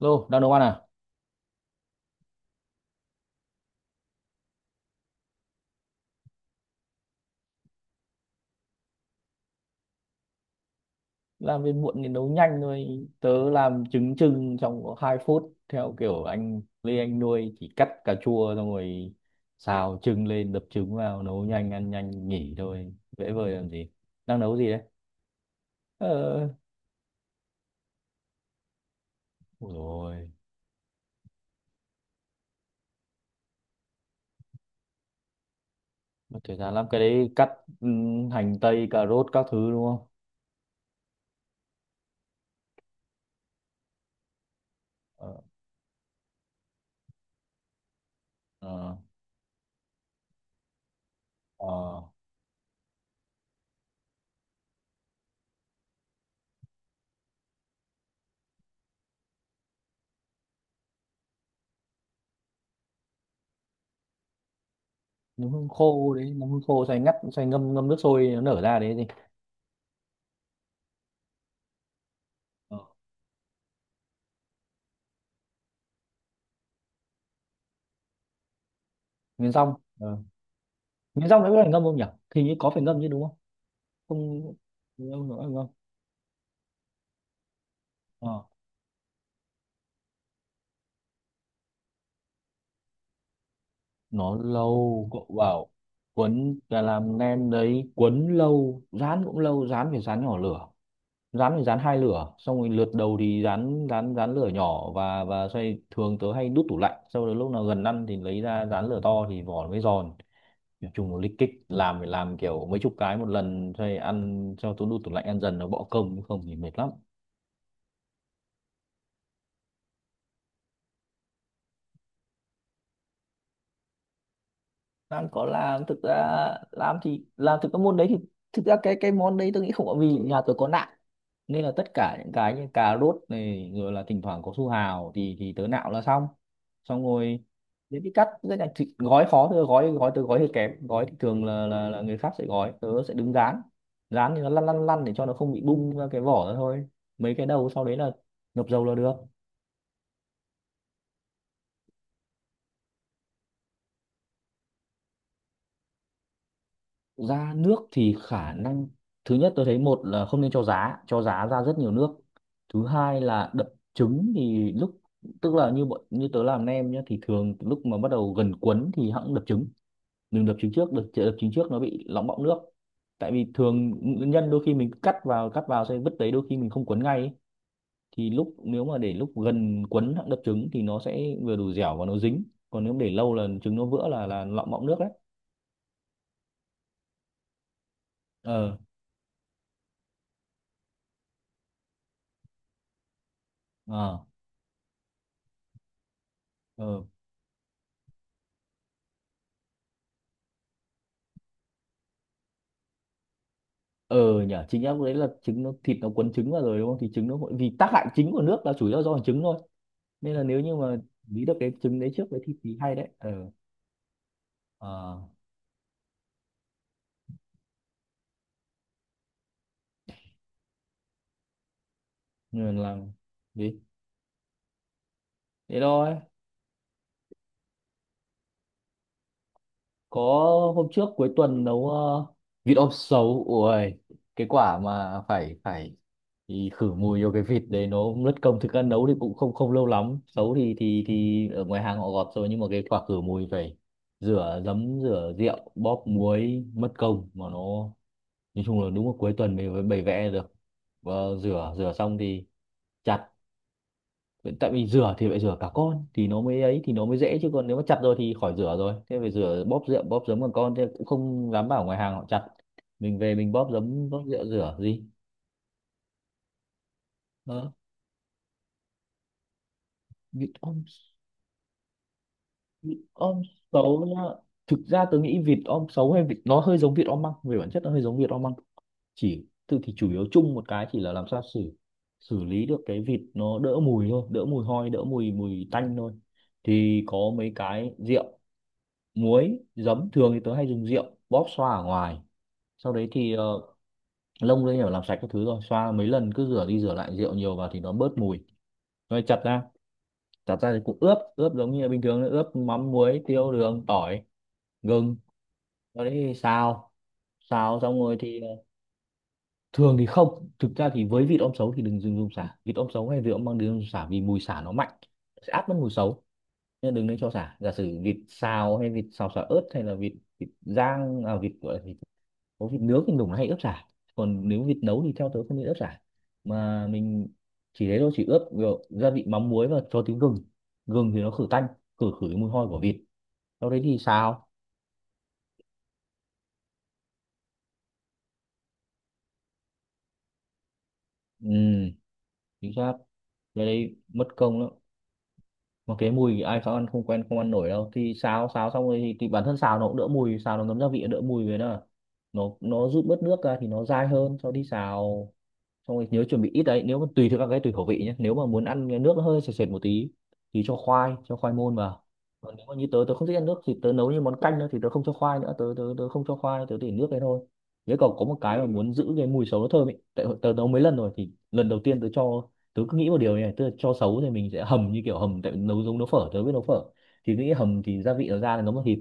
Lô, đang nấu ăn à? Làm việc muộn thì nấu nhanh thôi. Tớ làm trứng trưng trong có 2 phút theo kiểu anh Lê anh nuôi chỉ cắt cà chua xong rồi xào trứng lên đập trứng vào nấu nhanh ăn nhanh nghỉ thôi. Dễ vời làm gì? Đang nấu gì đấy? Ờ, ôi rồi. Mất thời gian lắm cái đấy cắt hành tây, cà rốt các thứ đúng không? Ờ, ờ, ờ. Nấm hương khô đấy, nấm hương khô xay ngắt, xay ngâm ngâm nước sôi nó nở ra đấy gì? Ờ. Miến rong. Ờ. Miến rong đấy có phải ngâm không nhỉ? Thì như có phải ngâm chứ đúng không? Không lâu nữa rồi không. Ờ, nó lâu cậu bảo quấn là làm nem đấy, quấn lâu, rán cũng lâu, rán phải rán nhỏ lửa. Rán phải rán hai lửa, xong rồi lượt đầu thì rán rán rán lửa nhỏ và xoay, thường tớ hay đút tủ lạnh, sau đó lúc nào gần ăn thì lấy ra rán lửa to thì vỏ nó mới giòn. Nói chung là lích kích, làm phải làm kiểu mấy chục cái một lần xoay ăn, cho tớ đút tủ lạnh ăn dần nó bỏ công, không thì mệt lắm. Lan có làm thực ra, làm thì làm thực cái môn đấy thì thực ra cái món đấy tôi nghĩ không có, vì nhà tôi có nạm nên là tất cả những cái như cà rốt này rồi là thỉnh thoảng có su hào thì tớ nạo là xong. Xong rồi đến đi cắt rất là thịt, gói khó thôi, gói gói tớ gói hơi kém, gói thì thường là người khác sẽ gói, tớ sẽ đứng dán. Dán thì nó lăn lăn lăn để cho nó không bị bung ra cái vỏ ra thôi, mấy cái đầu sau đấy là ngập dầu là được. Ra nước thì khả năng thứ nhất tôi thấy, một là không nên cho giá, cho giá ra rất nhiều nước. Thứ hai là đập trứng thì lúc, tức là như bọn như tớ làm nem nhá thì thường lúc mà bắt đầu gần cuốn thì hẵng đập trứng, đừng đập trứng trước, đập trứng trước nó bị lỏng bọng nước, tại vì thường nguyên nhân đôi khi mình cứ cắt vào xong vứt đấy, đôi khi mình không cuốn ngay ấy. Thì lúc nếu mà để lúc gần cuốn hẵng đập trứng thì nó sẽ vừa đủ dẻo và nó dính, còn nếu để lâu là trứng nó vỡ là lỏng bọng nước đấy. Ờ. Ờ. Ờ. Ờ nhở, chính em đấy, là trứng nó thịt nó quấn trứng vào rồi đúng không, thì trứng nó hội- vì tác hại chính của nước là chủ yếu do trứng thôi, nên là nếu như mà nghĩ được cái trứng đấy trước với thịt thì hay đấy. Ờ. Ờ. Nhưng làm gì thế thôi. Có, hôm trước cuối tuần nấu vịt om sấu, ui cái quả mà phải phải thì khử mùi vô cái vịt đấy nó cũng mất công, thực ra nấu thì cũng không không lâu lắm, sấu thì thì ở ngoài hàng họ gọt rồi, nhưng mà cái quả khử mùi phải rửa giấm rửa rượu bóp muối mất công mà nó, nói chung là đúng là cuối tuần mình mới bày vẽ được. Và rửa rửa xong thì chặt. Vậy tại vì rửa thì phải rửa cả con thì nó mới ấy thì nó mới dễ, chứ còn nếu mà chặt rồi thì khỏi rửa rồi, thế phải rửa bóp rượu bóp giấm bằng con, thế cũng không dám bảo ngoài hàng họ chặt, mình về mình bóp giấm bóp rượu rửa gì. Đó. Vịt om, vịt om xấu nhá. Thực ra tôi nghĩ vịt om xấu hay vịt nó hơi giống vịt om măng, về bản chất nó hơi giống vịt om măng, chỉ tự thì chủ yếu chung một cái chỉ là làm sao xử, xử lý được cái vịt nó đỡ mùi thôi, đỡ mùi hôi, đỡ mùi mùi tanh thôi. Thì có mấy cái rượu muối giấm, thường thì tớ hay dùng rượu bóp xoa ở ngoài, sau đấy thì lông lên nhỏ làm sạch các thứ rồi xoa mấy lần, cứ rửa đi rửa lại rượu nhiều vào thì nó bớt mùi, rồi chặt ra. Chặt ra thì cũng ướp, ướp giống như là bình thường ướp mắm muối tiêu đường tỏi gừng, sau đấy thì xào. Xào xong rồi thì thường thì không, thực ra thì với vịt om sấu thì đừng dùng dùng sả, vịt om sấu hay vịt om bằng đừng dùng sả vì mùi sả nó mạnh sẽ át mất mùi sấu, nên đừng nên cho sả. Giả sử vịt xào hay vịt xào sả ớt hay là vịt, vịt rang à, vịt gọi là vịt, có vịt nướng thì mình hay ướp chả, còn nếu vịt nấu thì theo tớ không nên ướp chả, mà mình chỉ thế thôi, chỉ ướp kiểu gia vị mắm muối và cho tí gừng. Gừng thì nó khử tanh, khử khử cái mùi hôi của vịt, sau đấy thì xào. Ừ chính xác, cái đấy mất công lắm, mà cái mùi thì ai khó ăn không quen không ăn nổi đâu. Thì xào xào xong rồi thì bản thân xào nó cũng đỡ mùi, xào nó ngấm gia vị đỡ mùi với nó, nó rút bớt nước ra thì nó dai hơn sau đi xào. Xong rồi nhớ chuẩn bị ít đấy, nếu mà tùy theo các cái tùy khẩu vị nhé, nếu mà muốn ăn cái nước nó hơi sệt sệt một tí thì cho khoai, cho khoai môn vào. Còn nếu mà như tớ, tớ không thích ăn nước thì tớ nấu như món canh nữa, thì tớ không cho khoai nữa, tớ tớ tớ không cho khoai, tớ để nước đấy thôi. Thế còn có một cái mà Ừ. muốn giữ cái mùi sấu nó thơm ấy, tại tớ nấu mấy lần rồi thì lần đầu tiên tớ cho, tớ cứ nghĩ một điều như này, tức là cho sấu thì mình sẽ hầm như kiểu hầm, tại nấu giống nấu phở, tớ biết nấu phở thì cứ nghĩ hầm thì gia vị nó ra là nấu bằng thịt.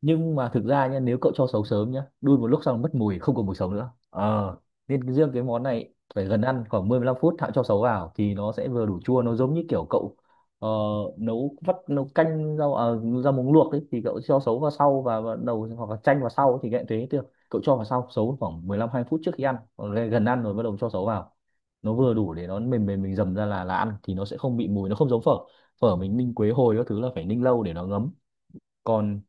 Nhưng mà thực ra nha, nếu cậu cho sấu sớm nhá đun một lúc xong mất mùi không còn mùi sấu nữa. Ờ, nên cái- riêng cái món này phải gần ăn khoảng 15 phút hãng cho sấu vào thì nó sẽ vừa đủ chua, nó giống như kiểu cậu ờ, nấu vắt, nấu canh rau à, rau muống luộc ấy thì cậu cho sấu vào sau và đầu hoặc là chanh vào sau thì cũng thế được. Cậu cho vào sau sấu khoảng 15 2 phút trước khi ăn, còn gần gần ăn rồi bắt đầu cho sấu vào nó vừa đủ để nó mềm mềm, mình dầm ra là ăn thì nó sẽ không bị mùi, nó không giống phở. Phở mình ninh quế hồi các thứ là phải ninh lâu để nó ngấm, còn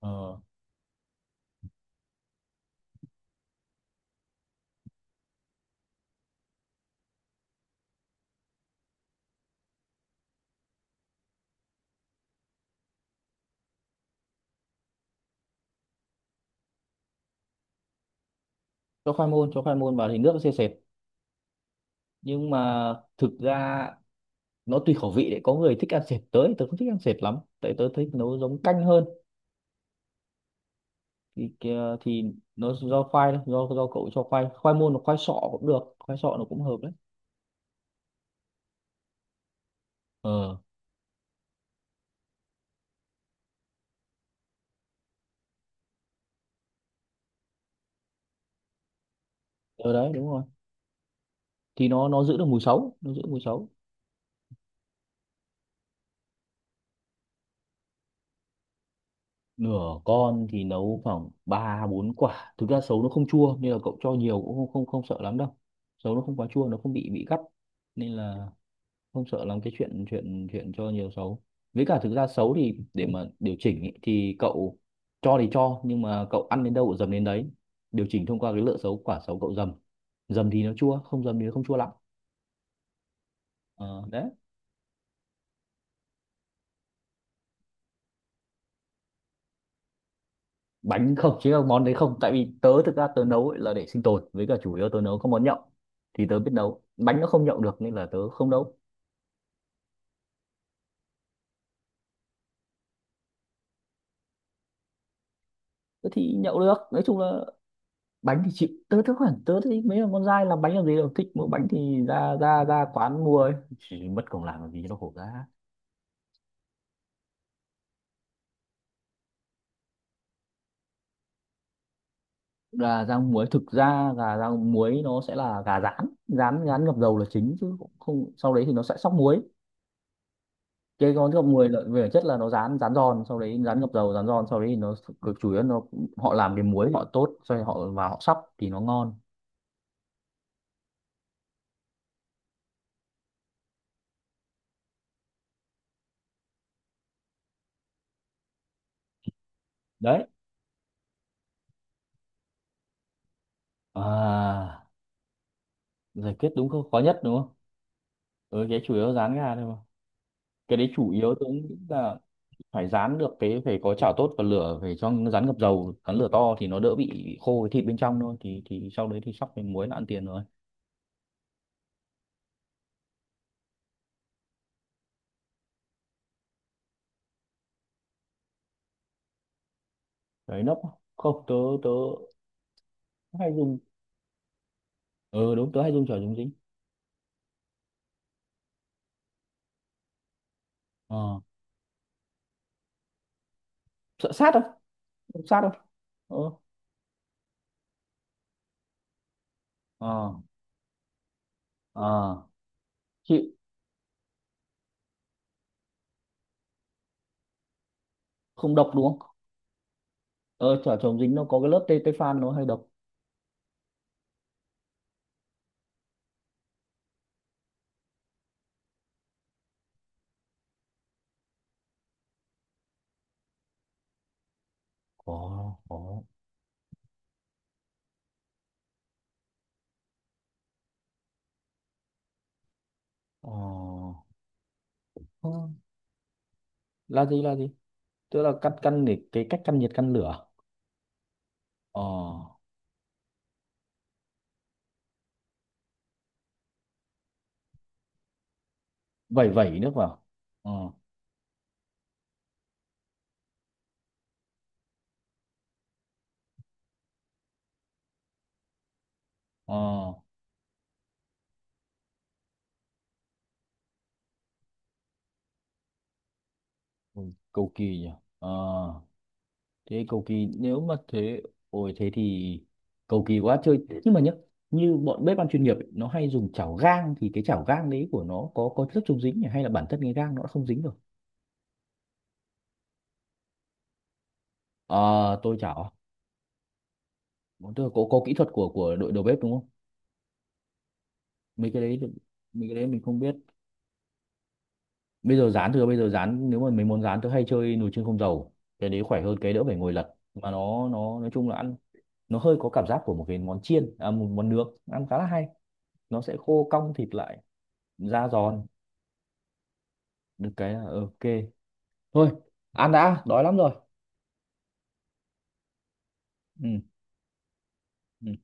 ờ, cho khoai môn, cho khoai môn vào thì nước nó sẽ sệt. Nhưng mà thực ra nó tùy khẩu vị đấy, có người thích ăn sệt, tới tớ không thích ăn sệt lắm tại tớ thích nấu giống canh hơn. Thì kìa- thì nó do khoai thôi, do do cậu cho khoai, khoai môn hoặc khoai sọ cũng được, khoai sọ nó cũng hợp đấy. Ờ, ở đấy đúng rồi, thì nó giữ được mùi sấu, nó giữ mùi sấu. Nửa con thì nấu khoảng 3 4 quả, thực ra sấu nó không chua nên là cậu cho nhiều cũng không không không sợ lắm đâu, sấu nó không quá chua, nó không bị bị gắt, nên là không sợ làm cái chuyện chuyện chuyện cho nhiều xấu. Với cả thực ra xấu thì để mà điều chỉnh ý, thì cậu cho thì cho, nhưng mà cậu ăn đến đâu cậu dầm đến đấy, điều chỉnh thông qua cái lựa xấu, quả xấu cậu dầm, dầm thì nó chua, không dầm thì nó không chua lắm. Ờ, đấy. Bánh không chứ không, món đấy không, tại vì tớ thực ra tớ nấu ấy là để sinh tồn, với cả chủ yếu tớ nấu các món nhậu, thì tớ biết nấu bánh nó không nhậu được nên là tớ không nấu. Tớ thì nhậu được, nói chung là bánh thì chịu, tớ tớ khoảng tớ thấy mấy con dai làm bánh làm gì đâu, thích mua bánh thì ra ra ra quán mua ấy, chỉ mất công làm gì cho nó khổ ra. Gà rang muối, thực ra gà rang muối nó sẽ là gà rán, rán rán ngập dầu là chính chứ cũng không, sau đấy thì nó sẽ sóc muối. Cái con ngập muối là về bản chất là nó rán rán giòn, sau đấy rán ngập dầu rán giòn sau đấy thì nó cực chủ yếu nó họ làm cái muối họ tốt, sau đấy họ và họ sóc thì nó ngon. Đấy à, giải quyết đúng không, khó nhất đúng không. Ừ, cái chủ yếu rán gà thôi mà, cái đấy chủ yếu tôi nghĩ là phải rán được, cái phải có chảo tốt và lửa phải cho nó rán ngập dầu rán lửa to thì nó đỡ bị khô cái thịt bên trong thôi, thì sau đấy thì sóc với muối là ăn tiền rồi. Đấy nấp à? Không tớ, tớ hay dùng. Ừ đúng tớ hay dùng chảo chống dính. Ờ, sợ sát không. Không sát đâu. Ờ. Ờ. Ờ chịu. Không độc đúng không, ờ chảo chống dính nó có cái lớp tê tê phan nó hay độc. Có có. Ờ. Ờ, là gì là gì, tức là căn căn để cái cách căn nhiệt căn lửa. Ờ, vẩy vẩy nước vào. Ờ. Ờ. Ừ, cầu kỳ nhỉ. Ờ, thế cầu kỳ nếu mà thế, ôi thế thì cầu kỳ quá chơi. Nhưng mà nhá, như bọn bếp ăn chuyên nghiệp ấy, nó hay dùng chảo gang, thì cái chảo gang đấy của nó có chất chống dính nhỉ? Hay là bản thân cái gang nó đã không dính rồi. Ờ, tôi chảo. Bọn tôi có kỹ thuật của đội đầu bếp đúng không, mấy cái đấy, mấy cái đấy mình không biết. Bây giờ rán thừa, bây giờ rán nếu mà mấy món rán tôi hay chơi nồi chiên không dầu, cái đấy khỏe hơn, cái đỡ phải ngồi lật mà nó nói chung là ăn nó hơi có cảm giác của một cái món chiên à, một món nướng, ăn khá là hay, nó sẽ khô cong thịt lại, da giòn. Được cái là ok, thôi ăn đã đói lắm rồi. Ừ. Ừ.